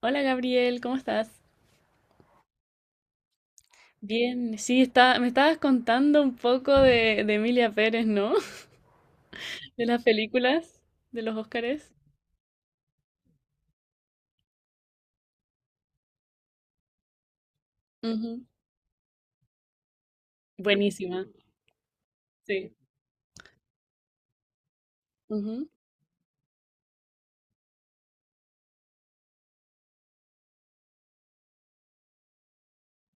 Hola Gabriel, ¿cómo estás? Bien, sí, me estabas contando un poco de Emilia Pérez, ¿no? De las películas, de los Óscares. Ujú, buenísima, sí. Ujú.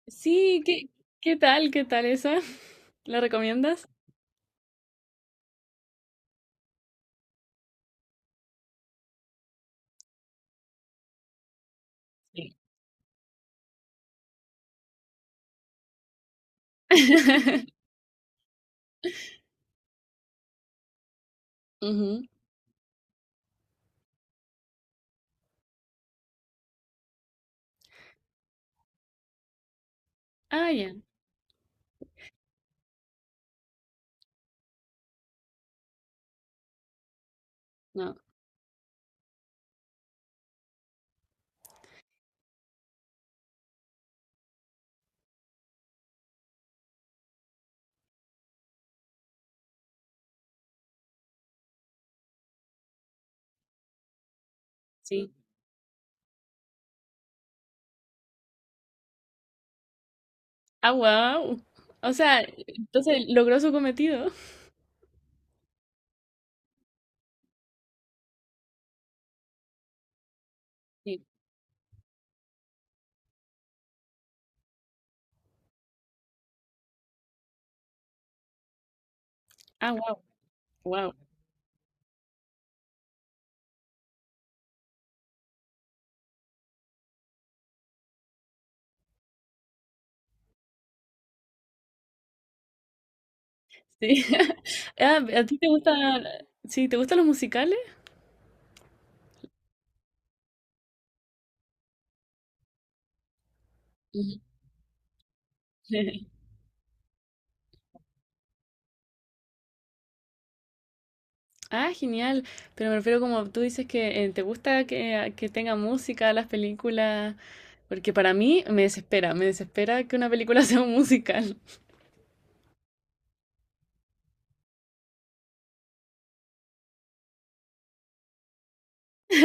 Sí, ¿qué tal? ¿Qué tal esa? ¿La recomiendas? Sí. Ujú. Ah, ya, no, sí. Ah, wow. O sea, entonces logró su cometido. Sí. Ah, wow, wow. Sí. Ah, ¿a ti te gusta, sí, te gustan los musicales? Ujú. Ah, genial. Pero me refiero como tú dices que te gusta que tenga música las películas, porque para mí me desespera que una película sea un musical.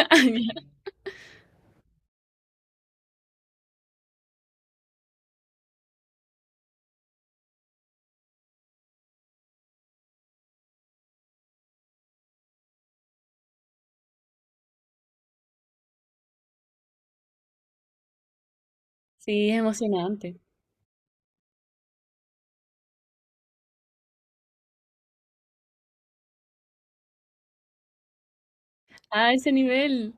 Ah, ya. Sí, es emocionante. A ese nivel.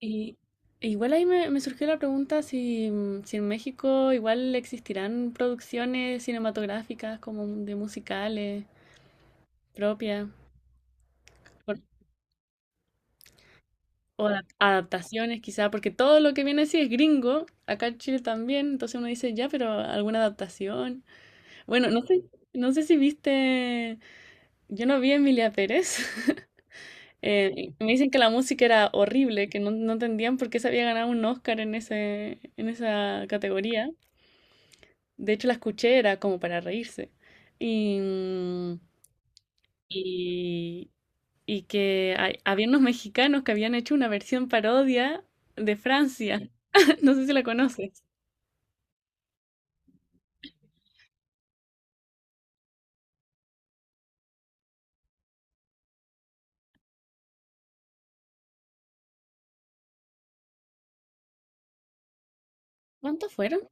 Y e igual ahí me surgió la pregunta si en México igual existirán producciones cinematográficas como de musicales propias. O adaptaciones, quizá, porque todo lo que viene así es gringo, acá en Chile también. Entonces uno dice, ya, pero alguna adaptación. Bueno, no sé, no sé si viste, yo no vi a Emilia Pérez. Me dicen que la música era horrible, que no, no entendían por qué se había ganado un Oscar en ese, en esa categoría. De hecho, la escuché, era como para reírse. Y, y y que había unos mexicanos que habían hecho una versión parodia de Francia. No sé si la conoces. ¿Cuántos fueron?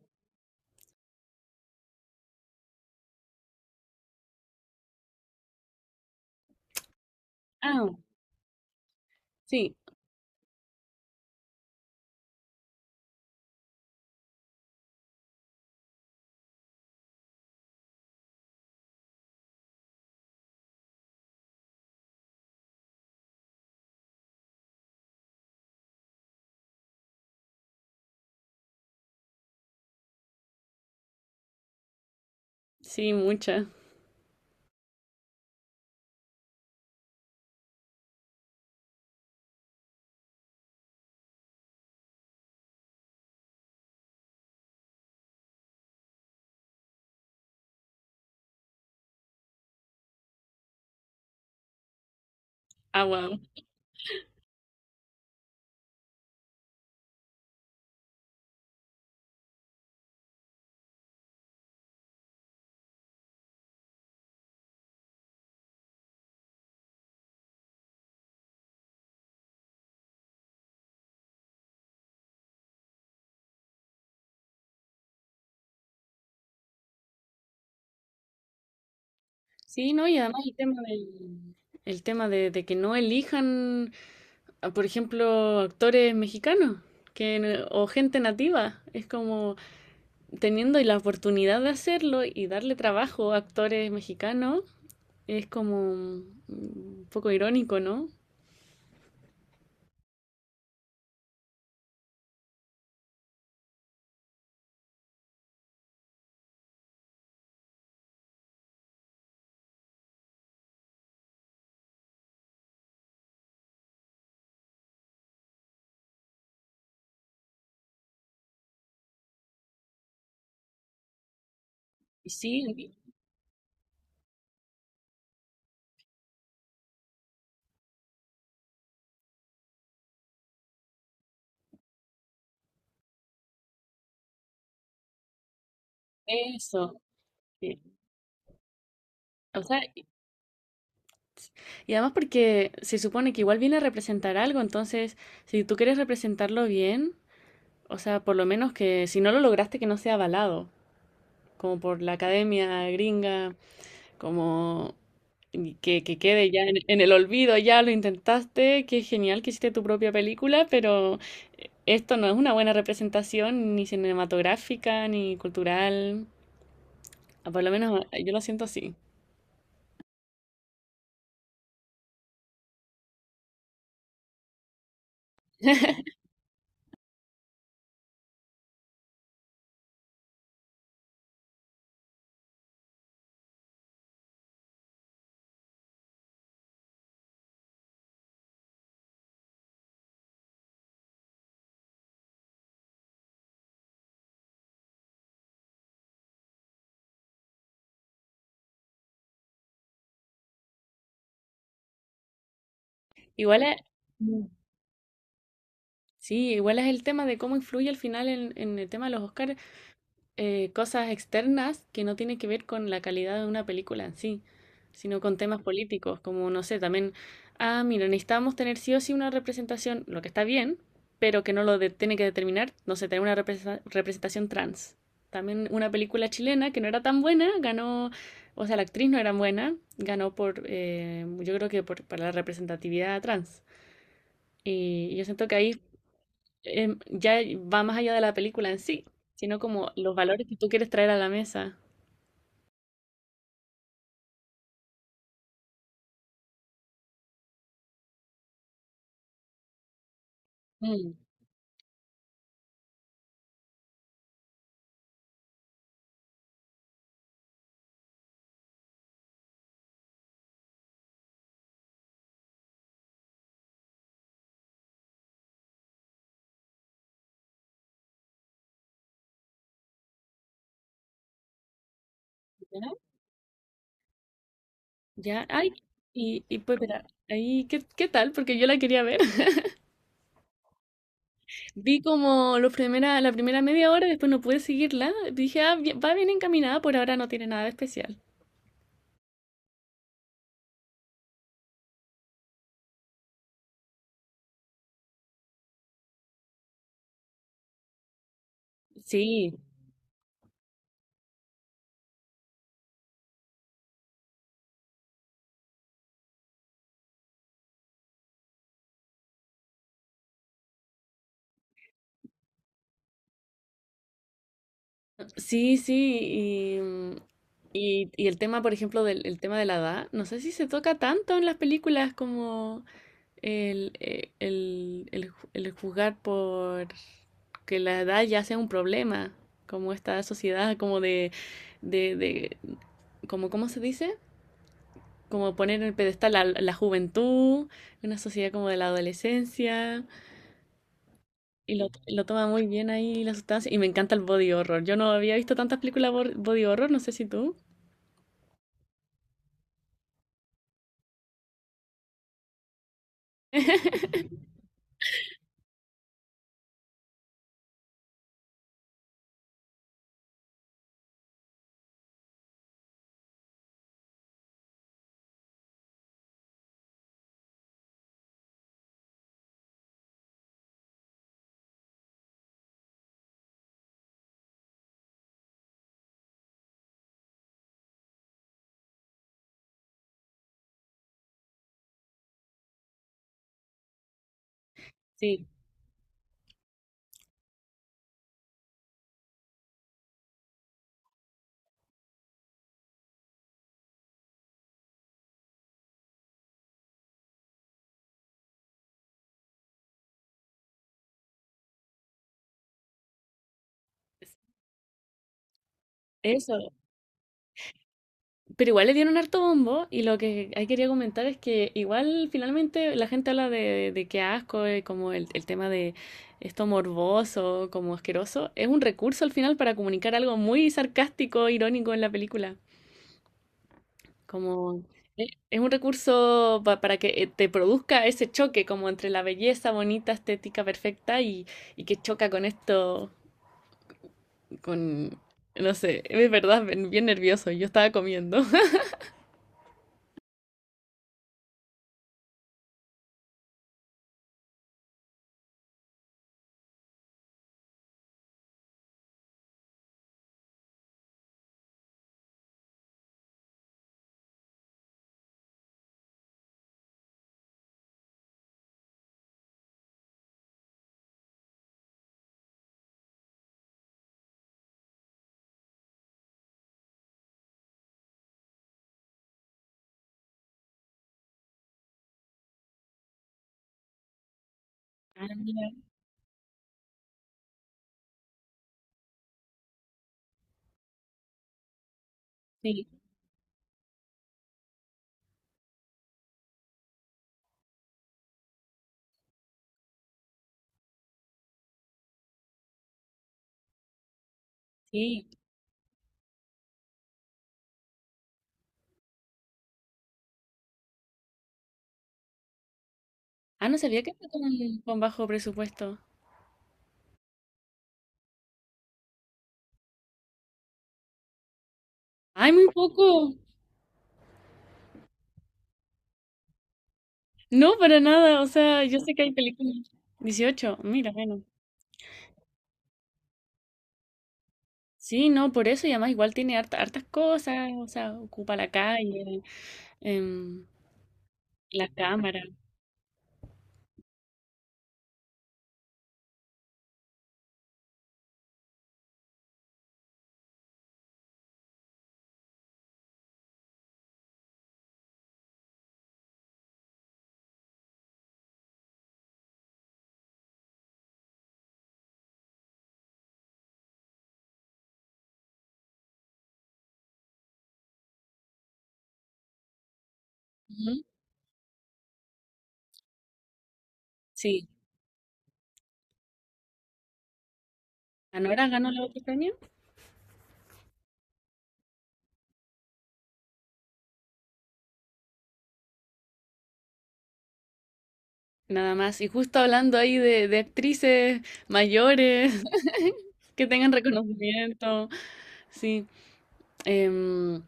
Ah, sí, sí, muchas. Ah, wow. Sí, no, y además el tema del, el tema de que no elijan, ah, por ejemplo, actores mexicanos que, o gente nativa. Es como teniendo la oportunidad de hacerlo y darle trabajo a actores mexicanos, es como un poco irónico, ¿no? Sí, eso. Sí. O sea, y además porque se supone que igual viene a representar algo, entonces, si tú quieres representarlo bien, o sea, por lo menos que si no lo lograste que no sea avalado, como por la academia gringa, como y que quede ya en el olvido, ya lo intentaste, qué genial que hiciste tu propia película, pero esto no es una buena representación ni cinematográfica ni cultural. Ah, por lo menos ah, yo lo siento así. Igual, sí, igual es el tema de cómo influye al final en el tema de los Oscars, cosas externas que no tienen que ver con la calidad de una película en sí, sino con temas políticos, como no sé, también, ah, mira, necesitamos tener sí o sí una representación, lo que está bien, pero que no lo tiene que determinar, no sé, tener una representación trans. También una película chilena que no era tan buena, ganó, o sea, la actriz no era buena, ganó por, yo creo que para la representatividad trans. Y yo siento que ahí ya va más allá de la película en sí, sino como los valores que tú quieres traer a la mesa. Mm, ¿ya? Ya, ay, y pues mira, ahí, ¿qué tal? Porque yo la quería ver. Vi como la primera media hora, después no pude seguirla. Dije, ah, va bien encaminada, por ahora no tiene nada de especial. Sí, sí, sí, y, mm, y el tema, por ejemplo, del el tema de la edad, no sé si se toca tanto en las películas como... El juzgar por que la edad ya sea un problema, como esta sociedad como de, de- como, ¿cómo se dice? Como poner en el pedestal a la juventud, una sociedad como de la adolescencia, y lo toma muy bien ahí la sustancia, y me encanta el body horror. Yo no había visto tantas películas body horror, no sé si tú. Sí, eso. Pero igual le dieron harto bombo y lo que ahí quería comentar es que igual finalmente la gente habla de que asco, como el tema de esto morboso, como asqueroso, es un recurso al final para comunicar algo muy sarcástico, irónico en la película. Como es un recurso para que te produzca ese choque como entre la belleza bonita, estética, perfecta y que choca con esto, con, no sé, es verdad, bien bien nervioso, yo estaba comiendo. Ah, mira, sí, sí. Ah, no sabía que era con bajo presupuesto. Ay, muy poco. No, para nada. O sea, yo sé que hay películas. 18. Mira, bueno. Sí, no, por eso y además igual tiene hartas cosas. O sea, ocupa la calle, em, la cámara. Ujú. Sí. Anora ganó la otro premio. Nada más. Y justo hablando ahí de actrices mayores que tengan reconocimiento. Sí. em,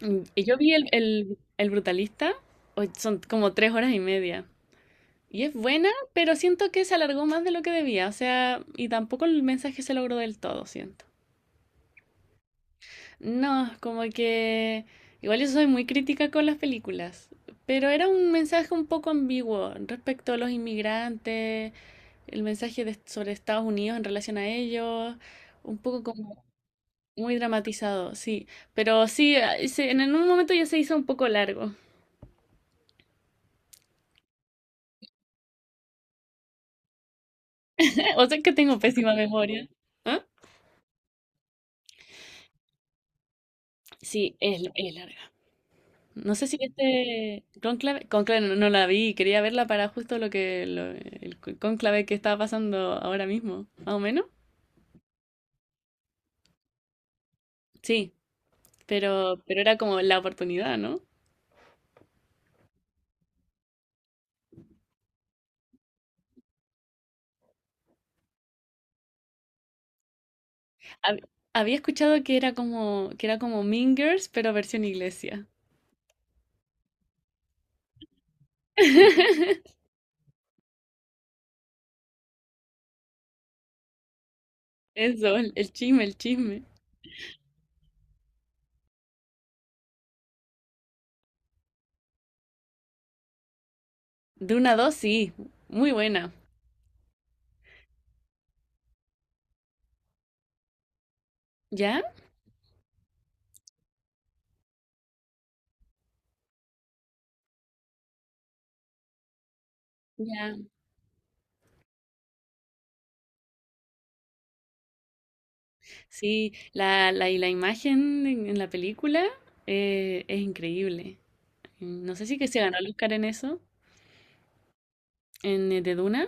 Yo vi el Brutalista, o son como 3 horas y media. Y es buena, pero siento que se alargó más de lo que debía, o sea, y tampoco el mensaje se logró del todo, siento. No, como que... Igual yo soy muy crítica con las películas, pero era un mensaje un poco ambiguo respecto a los inmigrantes, el mensaje sobre Estados Unidos en relación a ellos, un poco como muy dramatizado, sí. Pero sí, en un momento ya se hizo un poco largo. O sea que tengo pésima memoria. ¿Ah? Sí, es larga. No sé si este Conclave no, no la vi, quería verla para justo lo que el conclave que estaba pasando ahora mismo, más o menos. Sí, pero era como la oportunidad, ¿no? Había escuchado que era como Mean Girls, pero versión iglesia. Eso, el chisme, el chisme. De una dos, sí, muy buena. ¿Ya? Ya. Sí, y la imagen en la película es increíble. Mm, no sé si que se ganó el Oscar en eso, en de Duna.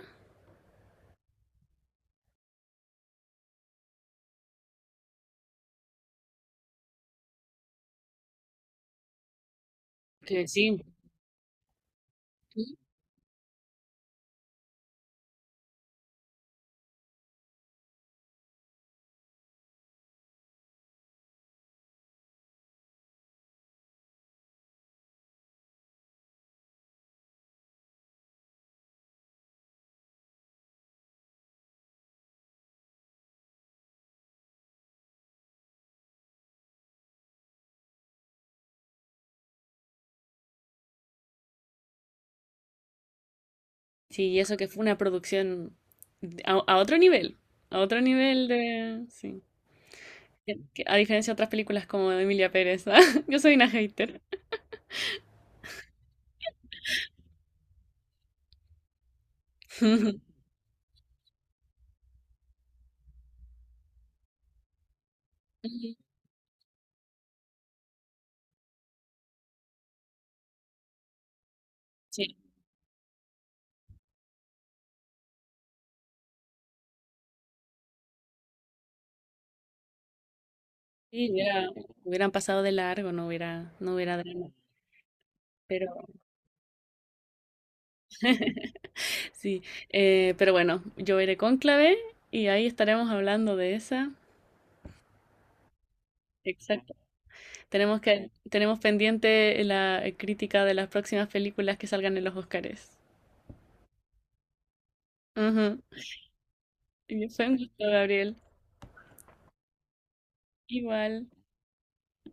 Que sí. Sí, y eso que fue una producción a otro nivel, a otro nivel de... Sí. Que a diferencia de otras películas como de Emilia Pérez, ¿ah? Yo soy una hater. Sí, sí, hubieran pasado de largo, no hubiera, no hubiera drama. Pero sí, pero bueno, yo iré con clave y ahí estaremos hablando de esa. Exacto. Tenemos pendiente la crítica de las próximas películas que salgan en los Oscars. Ujú. Y fue un gusto, Gabriel. Igual.